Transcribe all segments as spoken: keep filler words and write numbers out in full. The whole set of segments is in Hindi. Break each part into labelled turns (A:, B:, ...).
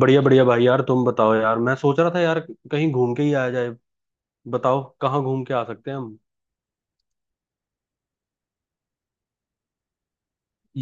A: बढ़िया बढ़िया भाई यार, तुम बताओ यार। मैं सोच रहा था यार, कहीं घूम के ही आया जाए। बताओ कहाँ घूम के आ सकते हैं हम।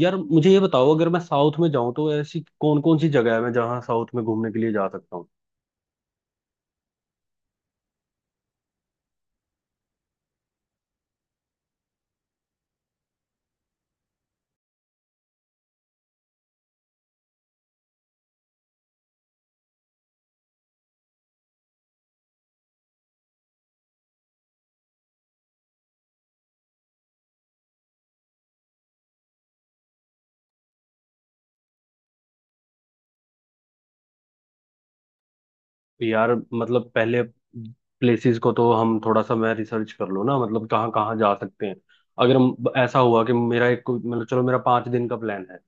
A: यार मुझे ये बताओ, अगर मैं साउथ में जाऊं तो ऐसी कौन कौन सी जगह है मैं जहाँ साउथ में घूमने के लिए जा सकता हूँ। यार मतलब पहले प्लेसेस को तो हम थोड़ा सा, मैं रिसर्च कर लूँ ना, मतलब कहाँ कहाँ जा सकते हैं। अगर हम- ऐसा हुआ कि मेरा एक कोई- मतलब चलो, मेरा पाँच दिन का प्लान है।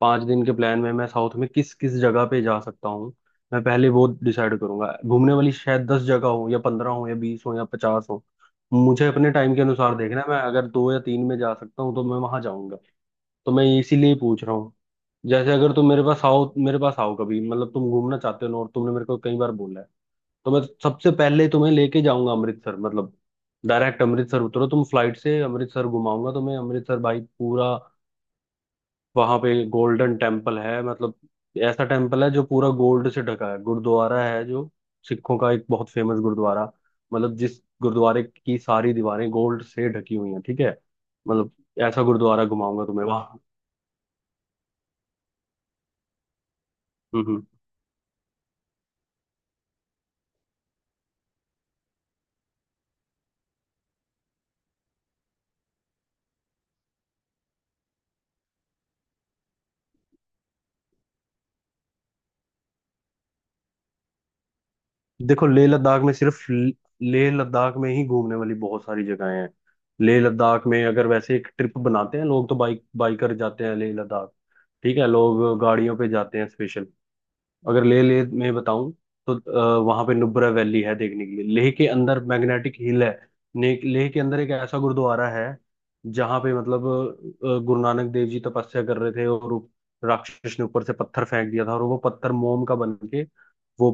A: पाँच दिन के प्लान में मैं साउथ में किस किस जगह पे जा सकता हूँ, मैं पहले वो डिसाइड करूंगा। घूमने वाली शायद दस जगह हो, या पंद्रह हो, या बीस हो, या पचास हो। मुझे अपने टाइम के अनुसार देखना है, मैं अगर दो या तीन में जा सकता हूँ तो मैं वहां जाऊंगा। तो मैं इसीलिए पूछ रहा हूँ। जैसे अगर तुम मेरे पास आओ, मेरे पास आओ कभी, मतलब तुम घूमना चाहते हो और तुमने मेरे को कई बार बोला है, तो मैं सबसे पहले तुम्हें लेके जाऊंगा अमृतसर। मतलब डायरेक्ट अमृतसर उतरो तुम, फ्लाइट से अमृतसर, घुमाऊंगा तुम्हें अमृतसर भाई पूरा। वहां पे गोल्डन टेम्पल है। मतलब ऐसा टेम्पल है जो पूरा गोल्ड से ढका है। गुरुद्वारा है जो सिखों का एक बहुत फेमस गुरुद्वारा, मतलब जिस गुरुद्वारे की सारी दीवारें गोल्ड से ढकी हुई हैं। ठीक है, मतलब ऐसा गुरुद्वारा घुमाऊंगा तुम्हें वहां। देखो, लेह लद्दाख में सिर्फ ल- लेह लद्दाख में ही घूमने वाली बहुत सारी जगहें हैं। लेह लद्दाख में अगर वैसे एक ट्रिप बनाते हैं लोग, तो बाइक बाइकर जाते हैं लेह लद्दाख। ठीक है, लोग गाड़ियों पे जाते हैं स्पेशल। अगर लेह लेह में बताऊं तो आ, वहां पे नुब्रा वैली है देखने के लिए। लेह के अंदर मैग्नेटिक हिल है। ने- लेह के अंदर एक ऐसा गुरुद्वारा है जहाँ पे मतलब अ, गुरु नानक देव जी तपस्या कर रहे थे, और राक्षस ने ऊपर से पत्थर फेंक दिया था, और वो पत्थर मोम का बन के, वो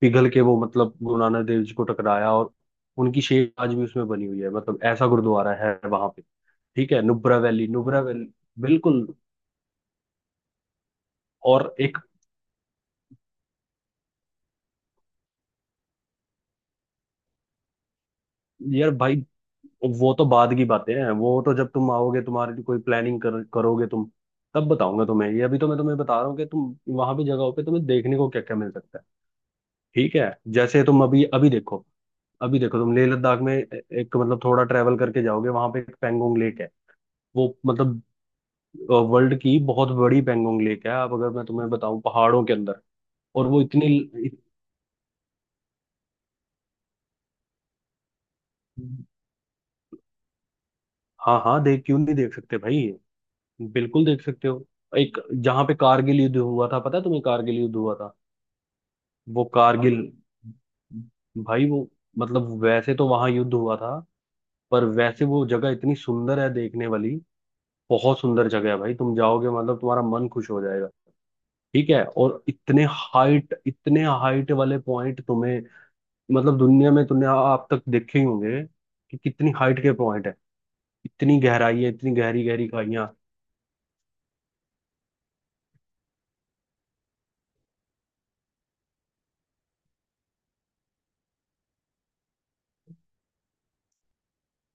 A: पिघल के, वो मतलब गुरु नानक देव जी को टकराया, और उनकी शेप आज भी उसमें बनी हुई है। मतलब ऐसा गुरुद्वारा है वहां पे। ठीक है, नुब्रा वैली, नुब्रा वैली, बिल्कुल। और एक, यार भाई, वो तो बाद की बातें हैं। वो तो जब तुम आओगे, तुम्हारी कोई प्लानिंग कर, करोगे तुम, तब बताऊंगा तुम्हें ये। अभी तो मैं तुम्हें बता रहा हूँ कि तुम वहां भी जगहों पे तुम्हें देखने को क्या क्या मिल सकता है। ठीक है, जैसे तुम अभी अभी देखो, अभी देखो, तुम लेह लद्दाख में ए- एक मतलब थोड़ा ट्रेवल करके जाओगे, वहां पे एक पेंगोंग लेक है। वो मतलब वर्ल्ड की बहुत बड़ी पैंगोंग लेक है, आप, अगर मैं तुम्हें बताऊं, पहाड़ों के अंदर। और वो इतनी इत- हाँ हाँ, देख क्यों नहीं देख सकते भाई, बिल्कुल देख सकते हो। एक जहाँ पे कारगिल युद्ध हुआ था, पता है तुम्हें कारगिल युद्ध हुआ था वो, कारगिल भाई। वो मतलब वैसे तो वहां युद्ध हुआ था, पर वैसे वो जगह इतनी सुंदर है देखने वाली। बहुत सुंदर जगह है भाई, तुम जाओगे मतलब तुम्हारा मन खुश हो जाएगा। ठीक है, और इतने हाइट, इतने हाइट वाले पॉइंट तुम्हें, मतलब दुनिया में तुमने आ- आप तक देखे ही होंगे कि कितनी हाइट के पॉइंट है, इतनी गहराई है, इतनी गहरी गहरी खाइयां।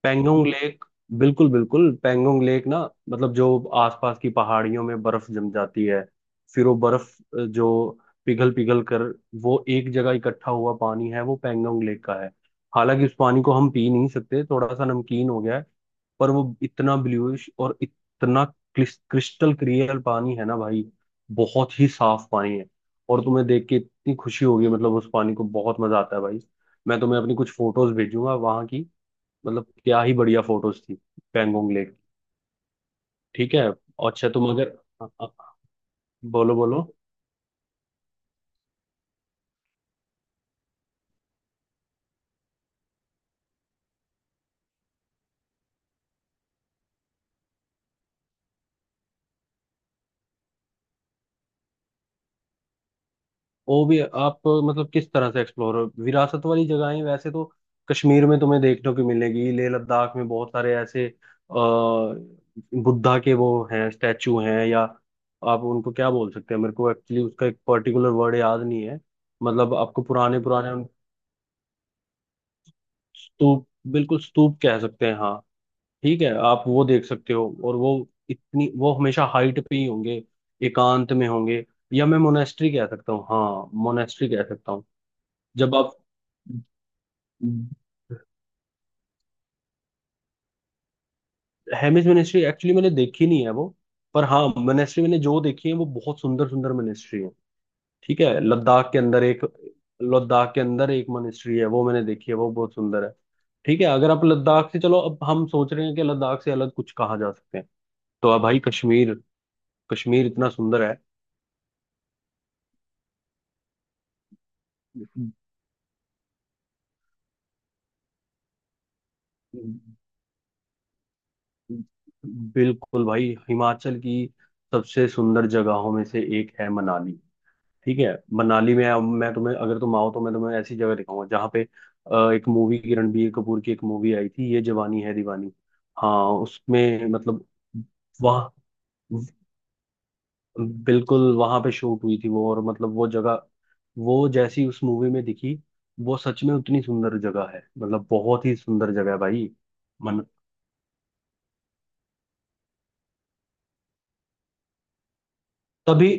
A: पेंगोंग लेक, बिल्कुल बिल्कुल पेंगोंग लेक ना, मतलब जो आसपास की पहाड़ियों में बर्फ जम जाती है, फिर वो बर्फ अ, जो पिघल पिघल कर वो एक जगह इकट्ठा हुआ पानी है, वो पेंगोंग लेक का है। हालांकि उस पानी को हम पी नहीं सकते, थोड़ा सा नमकीन हो गया है, पर वो इतना ब्लूइश और इतना क्रिस्टल क्लियर पानी है ना भाई। बहुत ही साफ पानी है, और तुम्हें देख के इतनी खुशी होगी, मतलब उस पानी को बहुत मजा आता है भाई। मैं तुम्हें अपनी कुछ फोटोज भेजूंगा वहां की, मतलब क्या ही बढ़िया फोटोज थी, पैंगोंग लेक। ठीक है, अच्छा तुम अगर अ- अ- बोलो बोलो, वो भी आप मतलब किस तरह से एक्सप्लोर। विरासत वाली जगहें वैसे तो कश्मीर में तुम्हें देखने को मिलेगी। लेह लद्दाख में बहुत सारे ऐसे अ बुद्धा के वो हैं, स्टैचू हैं, या आप उनको क्या बोल सकते हैं, मेरे को एक्चुअली उसका एक पर्टिकुलर वर्ड याद नहीं है। मतलब आपको पुराने पुराने उन- स्तूप, बिल्कुल स्तूप कह सकते हैं हाँ। ठीक है, आप वो देख सकते हो, और वो इतनी, वो हमेशा हाइट पे ही होंगे, एकांत में होंगे। या मैं मोनेस्ट्री कह सकता हूँ, हाँ मोनेस्ट्री कह सकता हूँ। जब आप, हेमिस मोनेस्ट्री एक्चुअली मैंने देखी नहीं है वो। पर हाँ, मोनेस्ट्री मैंने जो देखी है वो बहुत सुंदर सुंदर मोनेस्ट्री है। ठीक है, लद्दाख के अंदर एक लद्दाख के अंदर एक मोनेस्ट्री है, वो मैंने देखी है, वो बहुत सुंदर है। ठीक है, अगर आप लद्दाख से, चलो अब हम सोच रहे हैं कि लद्दाख से अलग कुछ कहा जा सकते हैं, तो अब भाई कश्मीर, कश्मीर इतना सुंदर है। बिल्कुल भाई, हिमाचल की सबसे सुंदर जगहों में से एक है मनाली। ठीक है, मनाली में अब मैं तुम्हें, अगर तुम आओ तो मैं तुम्हें ऐसी जगह दिखाऊंगा जहाँ पे अ, एक मूवी की, रणबीर कपूर की एक मूवी आई थी, ये जवानी है दीवानी। हाँ उसमें मतलब वहाँ, बिल्कुल वहां पे शूट हुई थी वो। और मतलब वो जगह, वो जैसी उस मूवी में दिखी, वो सच में उतनी सुंदर जगह है, मतलब बहुत ही सुंदर जगह है भाई। मन, तभी,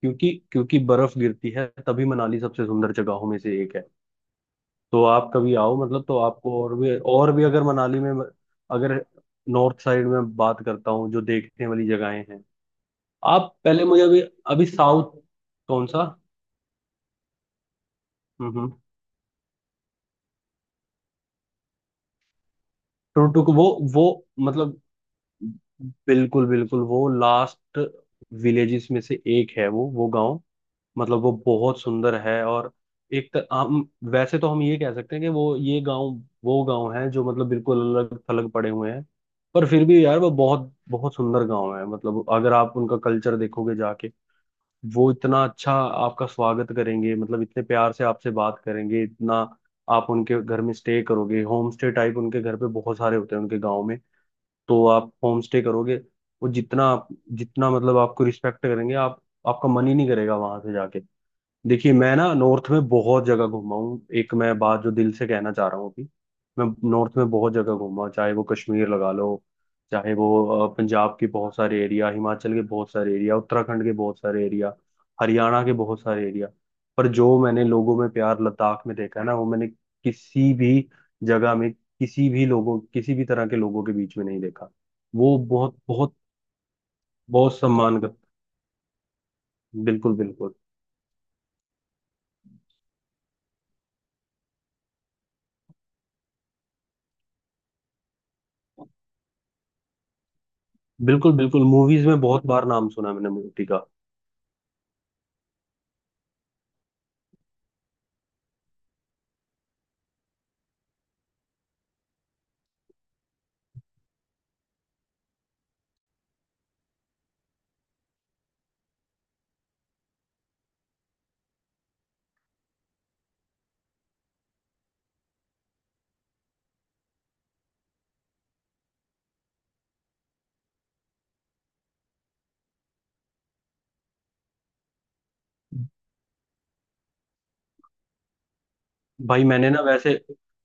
A: क्योंकि क्योंकि बर्फ गिरती है तभी मनाली सबसे सुंदर जगहों में से एक है। तो आप कभी आओ, मतलब तो आपको, और भी, और भी अगर मनाली में, अगर नॉर्थ साइड में बात करता हूँ, जो देखने वाली जगहें हैं। आप पहले मुझे अभी, अभी साउथ, कौन सा? हम्म हम्म, टुकटुक वो वो मतलब, बिल्कुल बिल्कुल वो लास्ट विलेजेस में से एक है वो वो गांव। मतलब वो बहुत सुंदर है। और एक तर, हम वैसे तो, हम ये कह सकते हैं कि वो ये गांव, वो गांव है जो मतलब बिल्कुल अलग थलग पड़े हुए हैं। पर फिर भी यार वो बहुत बहुत सुंदर गांव है। मतलब अगर आप उनका कल्चर देखोगे जाके, वो इतना अच्छा आपका स्वागत करेंगे, मतलब इतने प्यार से आपसे बात करेंगे इतना। आप उनके घर में स्टे करोगे, होम स्टे टाइप उनके घर पे बहुत सारे होते हैं उनके गांव में। तो आप होम स्टे करोगे। वो जितना जितना मतलब आपको रिस्पेक्ट करेंगे, आप, आपका मन ही नहीं करेगा वहां से जाके। देखिए मैं ना नॉर्थ में बहुत जगह घूमा हूँ, एक मैं बात जो दिल से कहना चाह रहा हूँ अभी। मैं नॉर्थ में बहुत जगह घूमा, चाहे वो कश्मीर लगा लो, चाहे वो अ, पंजाब के बहुत सारे एरिया, हिमाचल के बहुत सारे एरिया, उत्तराखंड के बहुत सारे एरिया, हरियाणा के बहुत सारे एरिया, पर जो मैंने लोगों में प्यार लद्दाख में देखा है ना, वो मैंने किसी भी जगह में, किसी भी लोगों, किसी भी तरह के लोगों के बीच में नहीं देखा। वो बहुत बहुत बहुत सम्मान कर, बिल्कुल बिल्कुल, बिल्कुल बिल्कुल, मूवीज में बहुत बार नाम सुना है मैंने ऊटी का। भाई मैंने ना, वैसे,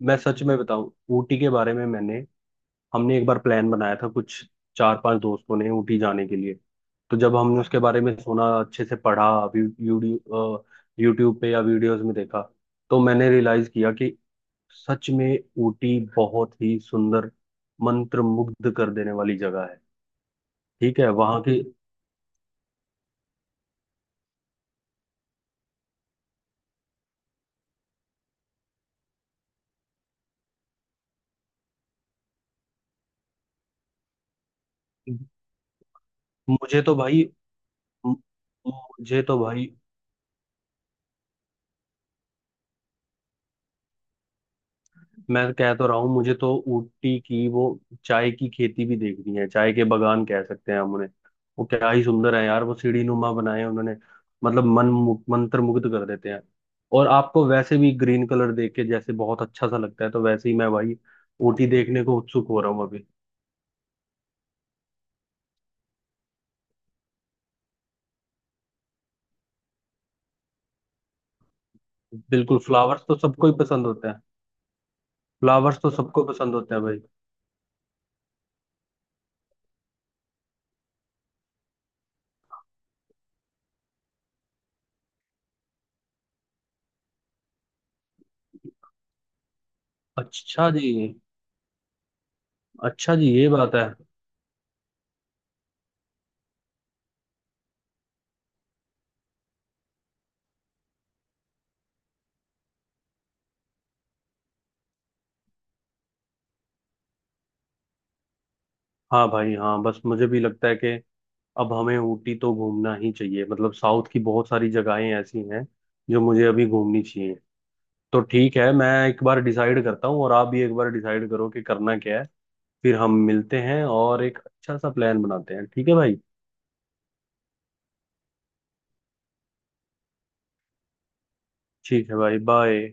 A: मैं सच में बताऊं, ऊटी के बारे में, मैंने हमने एक बार प्लान बनाया था कुछ चार पांच दोस्तों ने ऊटी जाने के लिए। तो जब हमने उसके बारे में सुना, अच्छे से पढ़ा, यूट्यूब यूट्यूब पे या वीडियोस में देखा, तो मैंने रियलाइज किया कि सच में ऊटी बहुत ही सुंदर, मंत्र मुग्ध कर देने वाली जगह है। ठीक है वहां की। मुझे तो भाई मुझे तो भाई, मैं कह तो रहा हूँ, मुझे तो ऊटी की वो चाय की खेती भी देखनी है। चाय के बागान कह सकते हैं हम उन्हें। वो क्या ही सुंदर है यार, वो सीढ़ी नुमा बनाए हैं उन्होंने, मतलब मन मु- मंत्रमुग्ध कर देते हैं। और आपको वैसे भी ग्रीन कलर देख के जैसे बहुत अच्छा सा लगता है, तो वैसे ही मैं भाई ऊटी देखने को उत्सुक हो रहा हूँ अभी। बिल्कुल, फ्लावर्स तो सबको ही पसंद होते हैं। फ्लावर्स तो सबको पसंद होते हैं भाई। अच्छा जी, अच्छा जी, ये बात है। हाँ भाई, हाँ, बस मुझे भी लगता है कि अब हमें ऊटी तो घूमना ही चाहिए। मतलब साउथ की बहुत सारी जगहें ऐसी हैं जो मुझे अभी घूमनी चाहिए। तो ठीक है, मैं एक बार डिसाइड करता हूँ, और आप भी एक बार डिसाइड करो कि करना क्या है, फिर हम मिलते हैं और एक अच्छा सा प्लान बनाते हैं। ठीक है भाई। ठीक है भाई, बाय।